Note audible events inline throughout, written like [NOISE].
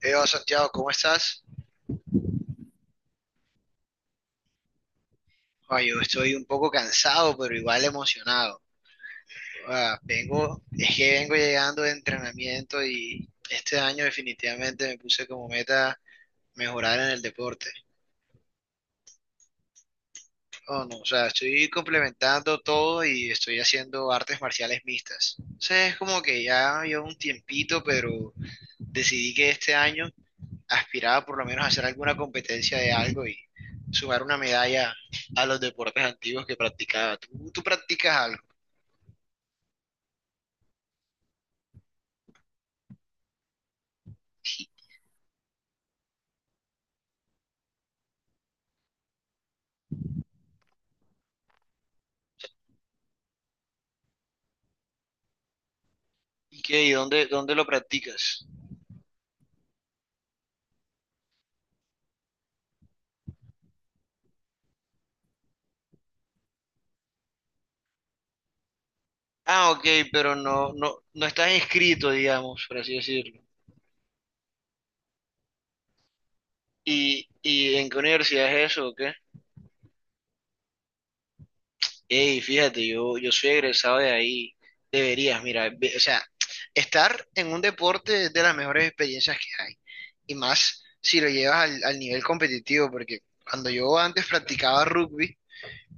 Eva Santiago, ¿cómo estás? Yo estoy un poco cansado, pero igual emocionado. Es que vengo llegando de entrenamiento y este año definitivamente me puse como meta mejorar en el deporte. Oh, no, o sea, estoy complementando todo y estoy haciendo artes marciales mixtas. O sea, es como que ya llevo un tiempito, pero decidí que este año aspiraba por lo menos a hacer alguna competencia de algo y sumar una medalla a los deportes antiguos que practicaba. ¿¿Tú practicas algo? ¿Y qué? ¿Y dónde lo practicas? Ah, ok, pero no estás inscrito, digamos, por así decirlo. ¿Y en qué universidad es eso o qué? Ey, fíjate, yo soy egresado de ahí. Deberías, mira, o sea, estar en un deporte es de las mejores experiencias que hay. Y más si lo llevas al nivel competitivo, porque cuando yo antes practicaba rugby,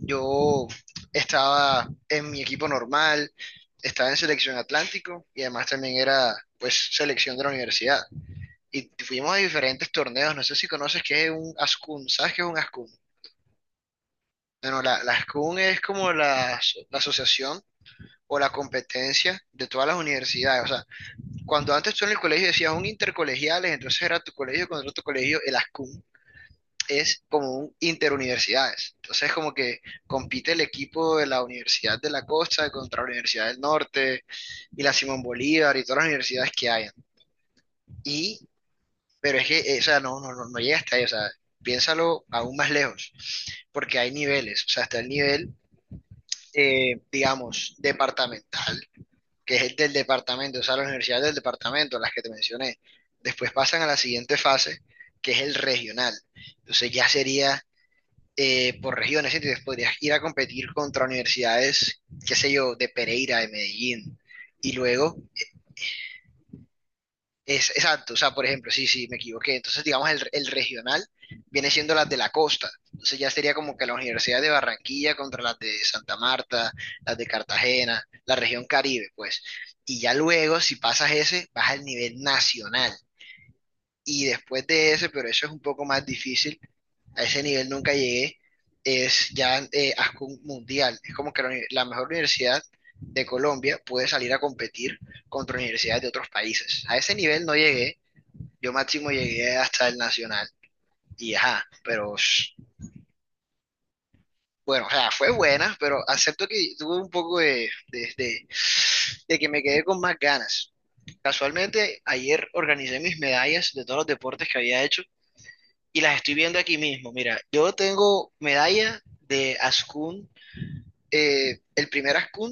yo estaba en mi equipo normal, estaba en selección Atlántico y además también era, pues, selección de la universidad. Y fuimos a diferentes torneos, no sé si conoces qué es un ASCUN, ¿sabes qué es un ASCUN? Bueno, la ASCUN es como la asociación o la competencia de todas las universidades. O sea, cuando antes tú en el colegio decías un intercolegiales, entonces era tu colegio contra otro colegio, el ASCUM es como un interuniversidades. Entonces como que compite el equipo de la Universidad de la Costa contra la Universidad del Norte y la Simón Bolívar y todas las universidades que hayan. Y pero es que, o sea, no llega hasta ahí, o sea, piénsalo aún más lejos, porque hay niveles, o sea, está el nivel, digamos, departamental, que es el del departamento, o sea, las universidades del departamento, las que te mencioné. Después pasan a la siguiente fase, que es el regional. Entonces ya sería por regiones, ¿sí? Entonces podrías ir a competir contra universidades, qué sé yo, de Pereira, de Medellín. Y luego exacto, o sea, por ejemplo, sí, sí, me equivoqué. Entonces, digamos, el regional viene siendo las de la costa. Entonces ya sería como que la Universidad de Barranquilla contra las de Santa Marta, las de Cartagena, la región Caribe, pues. Y ya luego, si pasas ese, vas al nivel nacional. Y después de ese, pero eso es un poco más difícil, a ese nivel nunca llegué, es ya ASCUN Mundial. Es como que la mejor universidad de Colombia puede salir a competir contra universidades de otros países. A ese nivel no llegué, yo máximo llegué hasta el nacional y ajá, pero bueno, o sea, fue buena, pero acepto que tuve un poco de que me quedé con más ganas. Casualmente, ayer organicé mis medallas de todos los deportes que había hecho y las estoy viendo aquí mismo. Mira, yo tengo medalla de Ascun, el primer Ascun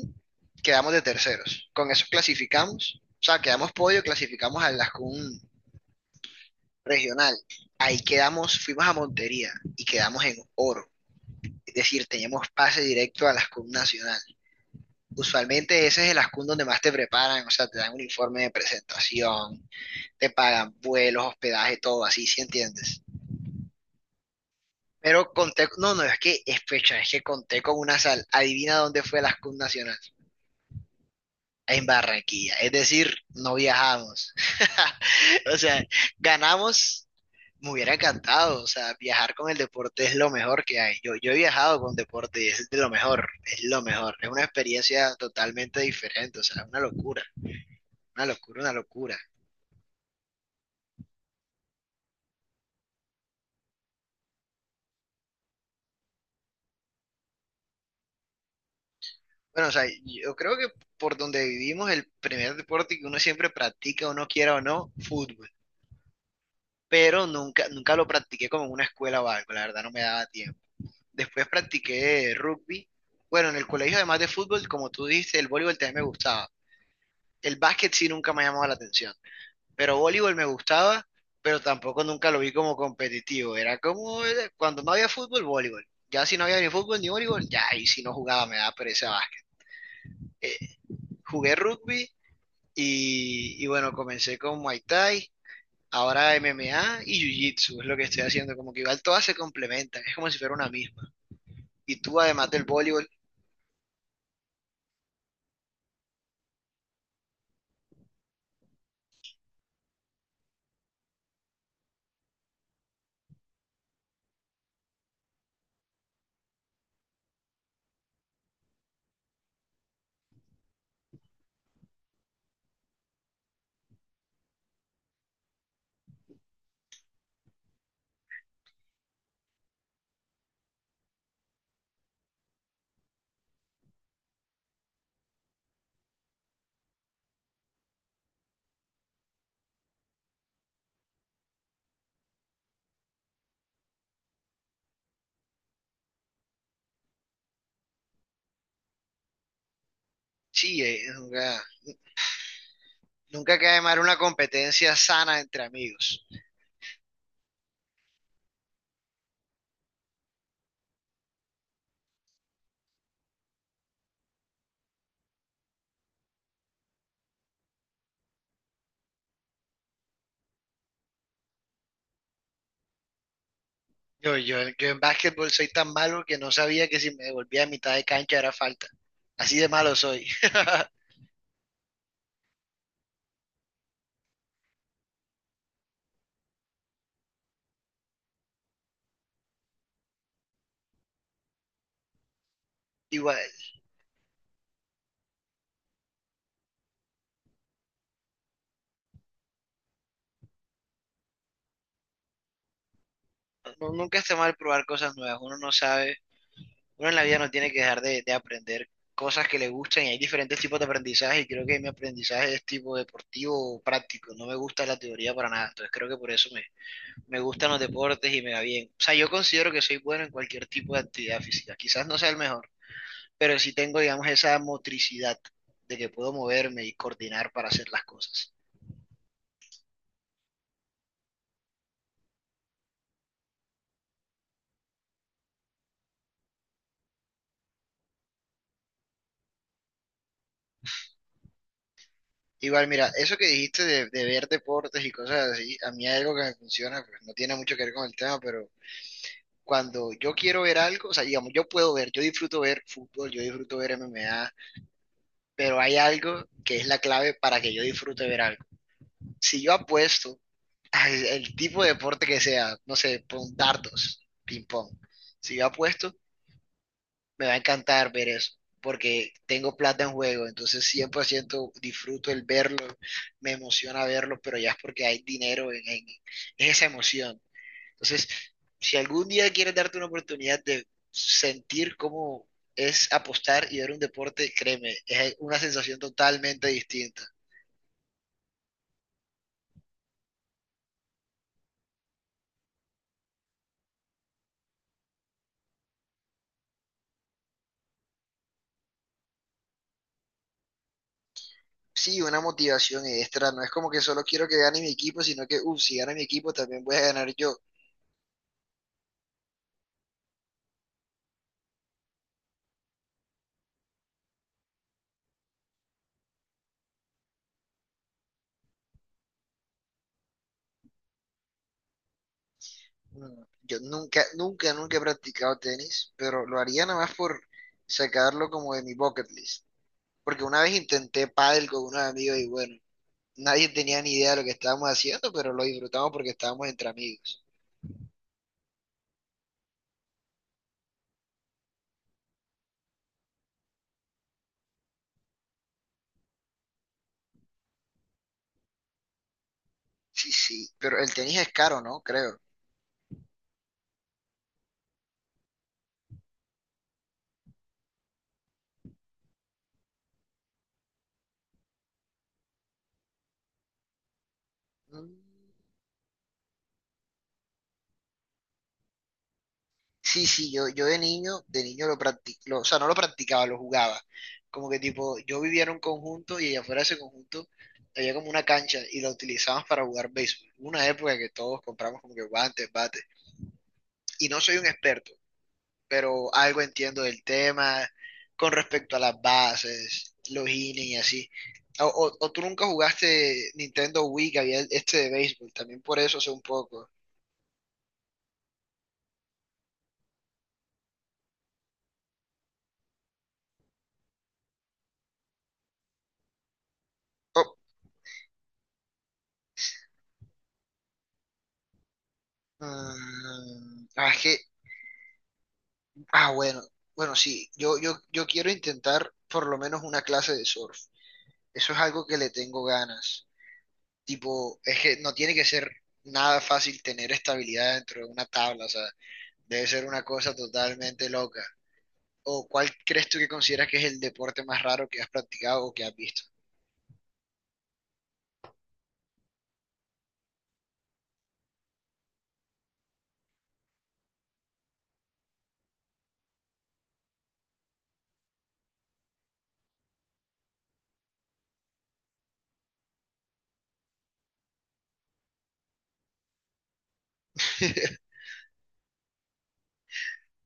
quedamos de terceros. Con eso clasificamos, o sea, quedamos podio, clasificamos al Ascun regional. Ahí quedamos, fuimos a Montería y quedamos en oro. Es decir, teníamos pase directo a la SCUM nacional. Usualmente ese es el ascun donde más te preparan, o sea, te dan un informe de presentación, te pagan vuelos, hospedaje, todo así, ¿sí entiendes? Pero conté, no, no, es que es fecha, es que conté con una sal. Adivina dónde fue la SCUM nacional. En Barranquilla. Es decir, no viajamos. [LAUGHS] O sea, ganamos, me hubiera encantado. O sea, viajar con el deporte es lo mejor que hay. Yo he viajado con deporte y es de lo mejor. Es una experiencia totalmente diferente. O sea, una locura, una locura, una locura. Bueno, o sea, yo creo que por donde vivimos, el primer deporte que uno siempre practica, uno quiera o no, fútbol. Pero nunca, nunca lo practiqué como en una escuela o algo, la verdad no me daba tiempo. Después practiqué rugby. Bueno, en el colegio, además de fútbol, como tú dijiste, el voleibol también me gustaba. El básquet sí nunca me ha llamado la atención. Pero voleibol me gustaba, pero tampoco nunca lo vi como competitivo. Era como cuando no había fútbol, voleibol. Ya si no había ni fútbol ni voleibol, ya ahí si no jugaba me daba pereza básquet. Eh, jugué rugby y bueno, comencé con Muay Thai, ahora MMA y Jiu-Jitsu, es lo que estoy haciendo. Como que igual todas se complementan, es como si fuera una misma. Y tú, además del voleibol, sí, nunca cae mal una competencia sana entre amigos. Yo en básquetbol soy tan malo que no sabía que si me devolvía a mitad de cancha era falta. Así de malo soy. [LAUGHS] Igual, nunca está mal probar cosas nuevas. Uno no sabe, uno en la vida no tiene que dejar de aprender cosas que le gustan y hay diferentes tipos de aprendizaje y creo que mi aprendizaje es tipo deportivo o práctico. No me gusta la teoría para nada. Entonces creo que por eso me gustan los deportes y me va bien. O sea, yo considero que soy bueno en cualquier tipo de actividad física. Quizás no sea el mejor pero sí tengo, digamos, esa motricidad de que puedo moverme y coordinar para hacer las cosas. Igual, mira, eso que dijiste de ver deportes y cosas así, a mí hay algo que me funciona, pues no tiene mucho que ver con el tema, pero cuando yo quiero ver algo, o sea, digamos, yo puedo ver, yo disfruto ver fútbol, yo disfruto ver M M A pero hay algo que es la clave para que yo disfrute ver algo. Si yo apuesto al el tipo de deporte que sea, no sé, pon dardos, ping pong, si yo apuesto, me va a encantar ver eso, porque tengo plata en juego, entonces 100% disfruto el verlo, me emociona verlo, pero ya es porque hay dinero en esa emoción. Entonces, si algún día quieres darte una oportunidad de sentir cómo es apostar y ver un deporte, créeme, es una sensación totalmente distinta. Sí, una motivación extra, no es como que solo quiero que gane mi equipo, sino que, uff, si gana mi equipo también voy a ganar yo. Yo nunca, nunca, nunca he practicado tenis, pero lo haría nada más por sacarlo como de mi bucket list. Porque una vez intenté pádel con unos amigos y bueno, nadie tenía ni idea de lo que estábamos haciendo, pero lo disfrutamos porque estábamos entre amigos. Sí, sí, pero el tenis es caro, ¿no? Creo. Mm, Sí, sí, yo de niño lo practicaba, o sea, no lo practicaba, lo jugaba. Como que tipo, yo vivía en un conjunto y afuera de ese conjunto había como una cancha y la utilizaban para jugar béisbol. Hubo una época que todos compramos como que guantes, bates. Y no soy un experto, pero algo entiendo del tema con respecto a las bases, los innings y así. O tú nunca jugaste Nintendo Wii, que había este de béisbol, también por eso sé un poco. Oh, mm, ah, es que Ah, bueno, bueno, sí, yo quiero intentar por lo menos una clase de surf. Eso es algo que le tengo ganas. Tipo, es que no tiene que ser nada fácil tener estabilidad dentro de una tabla, o sea, debe ser una cosa totalmente loca. ¿O cuál crees tú que consideras que es el deporte más raro que has practicado o que has visto? [LAUGHS]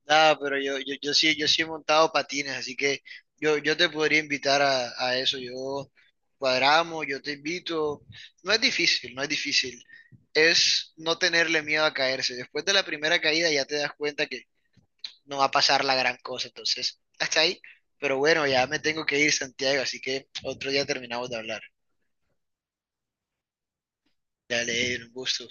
Nada, pero yo sí he montado patines, así que yo te podría invitar a eso. Yo cuadramos, yo te invito. No es difícil, no es difícil. Es no tenerle miedo a caerse. Después de la primera caída ya te das cuenta que no va a pasar la gran cosa. Entonces, hasta ahí. Pero bueno, ya me tengo que ir, Santiago, así que otro día terminamos de hablar. Dale, Edwin, un gusto.